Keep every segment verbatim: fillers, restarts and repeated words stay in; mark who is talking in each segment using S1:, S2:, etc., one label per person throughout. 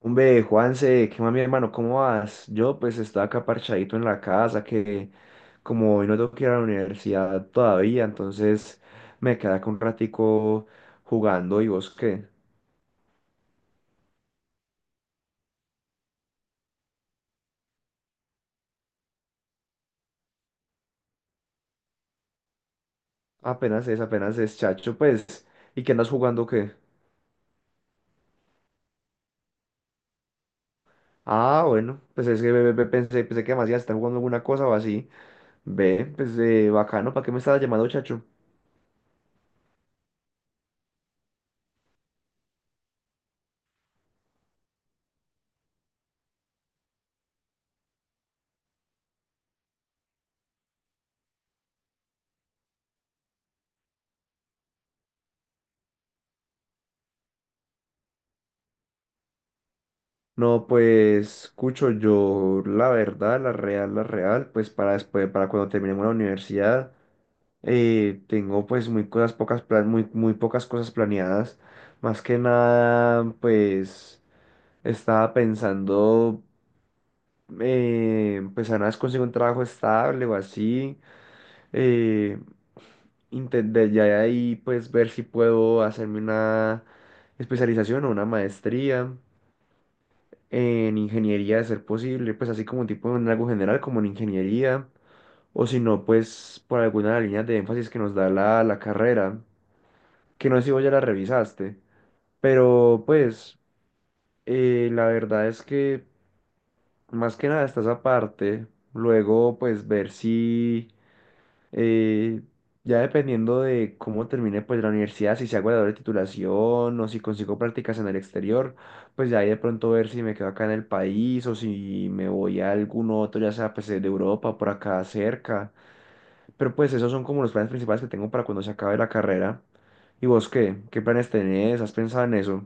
S1: Hombre, Juanse, ¿qué más, mi hermano? ¿Cómo vas? Yo pues estaba acá parchadito en la casa, que como hoy no tengo que ir a la universidad todavía, entonces me quedé acá un ratico jugando. ¿Y vos qué? Apenas es, apenas es, chacho, pues. ¿Y qué andas jugando o qué? Ah, bueno, pues es que ve- ve- pensé, pensé que más ya está jugando alguna cosa o así. Ve, pues eh, bacano, ¿para qué me estabas llamando, chacho? No, pues, escucho yo la verdad, la real, la real, pues para después, para cuando terminemos la universidad. Eh, tengo pues muy cosas pocas plan- muy, muy pocas cosas planeadas. Más que nada, pues estaba pensando eh, pues apenas consigo un trabajo estable o así. Eh, intentar ya de ahí pues ver si puedo hacerme una especialización o una maestría en ingeniería de ser posible, pues así como tipo en algo general como en ingeniería, o si no, pues por alguna de las líneas de énfasis que nos da la la carrera, que no sé si vos ya la revisaste, pero pues eh, la verdad es que más que nada está esa parte, luego pues ver si eh, ya dependiendo de cómo termine pues la universidad, si se hago la doble titulación o si consigo prácticas en el exterior, pues ya ahí de pronto ver si me quedo acá en el país o si me voy a algún otro, ya sea pues de Europa, por acá cerca, pero pues esos son como los planes principales que tengo para cuando se acabe la carrera. ¿Y vos qué? ¿Qué planes tenés? ¿Has pensado en eso?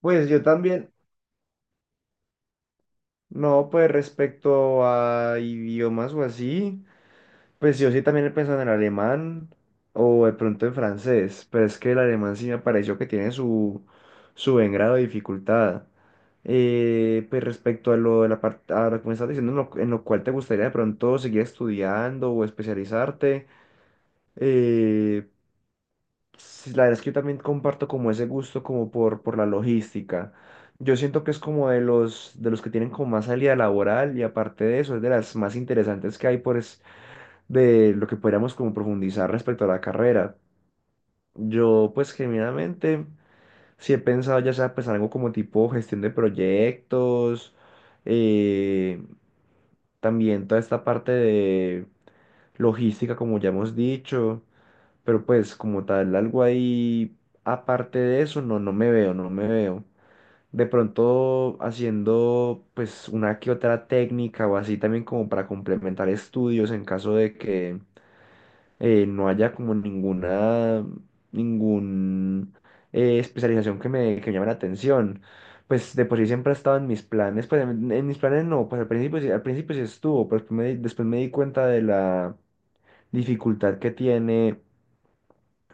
S1: Pues yo también, no, pues respecto a idiomas o así, pues yo sí también he pensado en el alemán o de pronto en francés, pero es que el alemán sí me pareció que tiene su, su buen grado de dificultad. Eh, pues respecto a lo de la parte, a lo que me estás diciendo, en lo, en lo cual te gustaría de pronto seguir estudiando o especializarte, eh, sí, la verdad es que yo también comparto como ese gusto como por, por la logística. Yo siento que es como de los, de los que tienen como más salida laboral y aparte de eso es de las más interesantes que hay pues de lo que podríamos como profundizar respecto a la carrera. Yo pues genuinamente sí he pensado ya sea pues algo como tipo gestión de proyectos, eh, también toda esta parte de logística como ya hemos dicho. Pero pues como tal, algo ahí aparte de eso, no, no me veo, no me veo. De pronto haciendo pues una que otra técnica o así también como para complementar estudios en caso de que eh, no haya como ninguna, ningún eh, especialización que me, que me llame la atención. Pues de por sí siempre ha estado en mis planes, pues en, en mis planes no, pues al principio sí, al principio sí estuvo, pero después me, di- después me di cuenta de la dificultad que tiene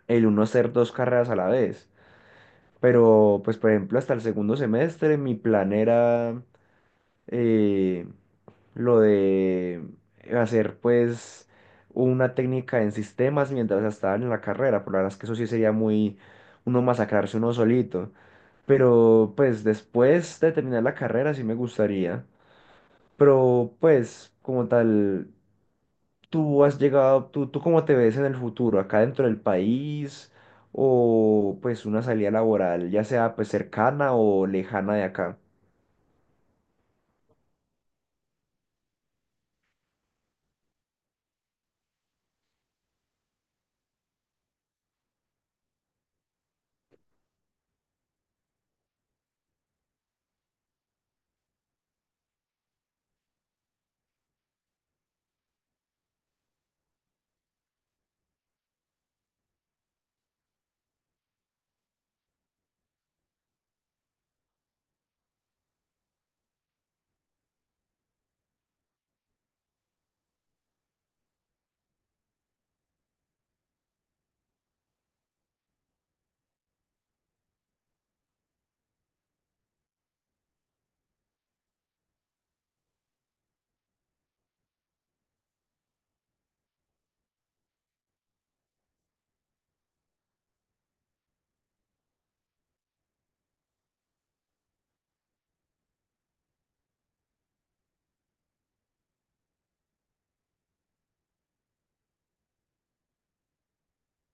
S1: el uno hacer dos carreras a la vez. Pero, pues, por ejemplo, hasta el segundo semestre mi plan era eh, lo de hacer, pues, una técnica en sistemas mientras estaba en la carrera. Por la verdad es que eso sí sería muy uno masacrarse uno solito. Pero, pues, después de terminar la carrera sí me gustaría. Pero, pues, como tal, tú has llegado, tú, tú ¿cómo te ves en el futuro, acá dentro del país o pues una salida laboral, ya sea pues cercana o lejana de acá?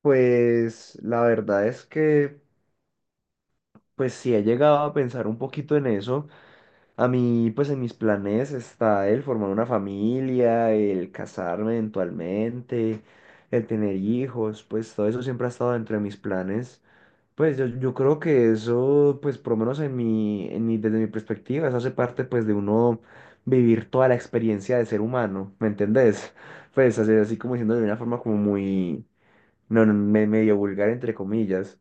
S1: Pues la verdad es que pues sí he llegado a pensar un poquito en eso. A mí pues en mis planes está el formar una familia, el casarme eventualmente, el tener hijos, pues todo eso siempre ha estado dentro de mis planes. Pues yo, yo creo que eso, pues por lo menos en mi, en mi, desde mi perspectiva, eso hace parte pues de uno vivir toda la experiencia de ser humano, ¿me entendés? Pues así, así como diciendo de una forma como muy, no, no, me- medio vulgar entre comillas.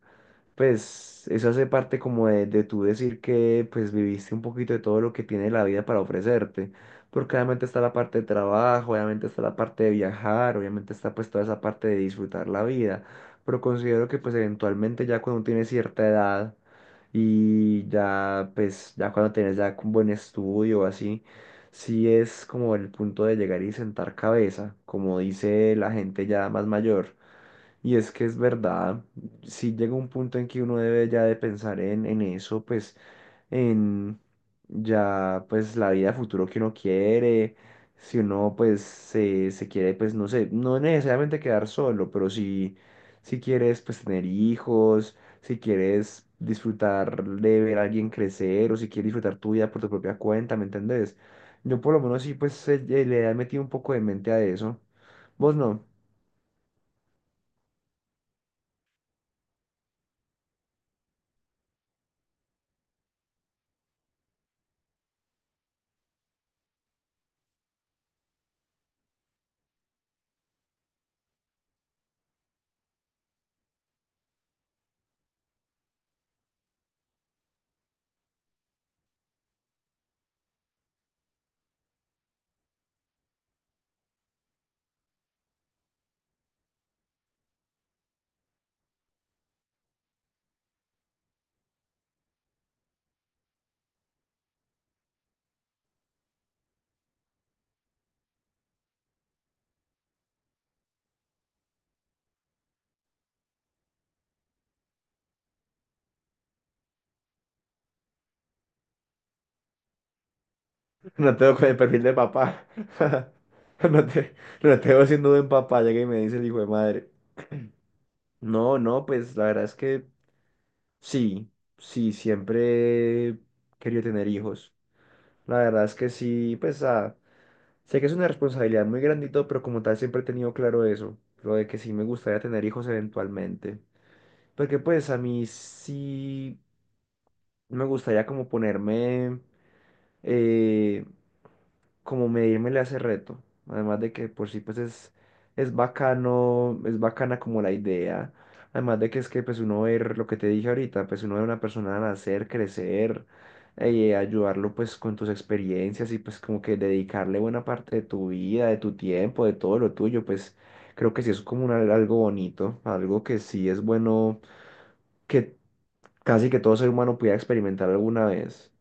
S1: Pues eso hace parte como de, de tú decir que pues viviste un poquito de todo lo que tiene la vida para ofrecerte, porque obviamente está la parte de trabajo, obviamente está la parte de viajar, obviamente está pues toda esa parte de disfrutar la vida, pero considero que pues eventualmente ya cuando tienes cierta edad y ya pues ya cuando tienes ya un buen estudio o así, sí es como el punto de llegar y sentar cabeza, como dice la gente ya más mayor. Y es que es verdad, si llega un punto en que uno debe ya de pensar en, en eso, pues en ya pues la vida futuro que uno quiere, si uno pues se, se quiere pues no sé, no necesariamente quedar solo, pero si, si quieres pues tener hijos, si quieres disfrutar de ver a alguien crecer o si quieres disfrutar tu vida por tu propia cuenta, ¿me entendés? Yo por lo menos sí pues eh, le he metido un poco de mente a eso. Vos no. No tengo con el perfil de papá. No te, no te veo siendo buen papá, llega y me dice el hijo de madre. No, no, pues la verdad es que sí, sí, siempre he querido tener hijos. La verdad es que sí, pues ah, sé que es una responsabilidad muy grandito pero como tal siempre he tenido claro eso, lo de que sí me gustaría tener hijos eventualmente. Porque pues a mí sí me gustaría como ponerme... eh, como medirme le hace reto. Además de que por sí pues es, es bacano, es bacana como la idea. Además de que es que pues uno ver lo que te dije ahorita, pues uno ver a una persona nacer, crecer, eh, ayudarlo pues con tus experiencias y pues como que dedicarle buena parte de tu vida, de tu tiempo, de todo lo tuyo, pues creo que sí es como un al- algo bonito, algo que sí es bueno que casi que todo ser humano pudiera experimentar alguna vez.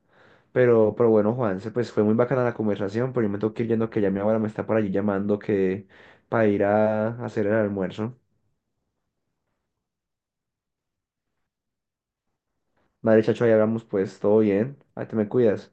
S1: Pero, pero bueno, Juanse, pues fue muy bacana la conversación, pero yo me tengo que ir yendo que ya mi abuela me está por allí llamando que para ir a hacer el almuerzo. Madre, chacho, ahí hablamos pues, todo bien. Ahí te me cuidas.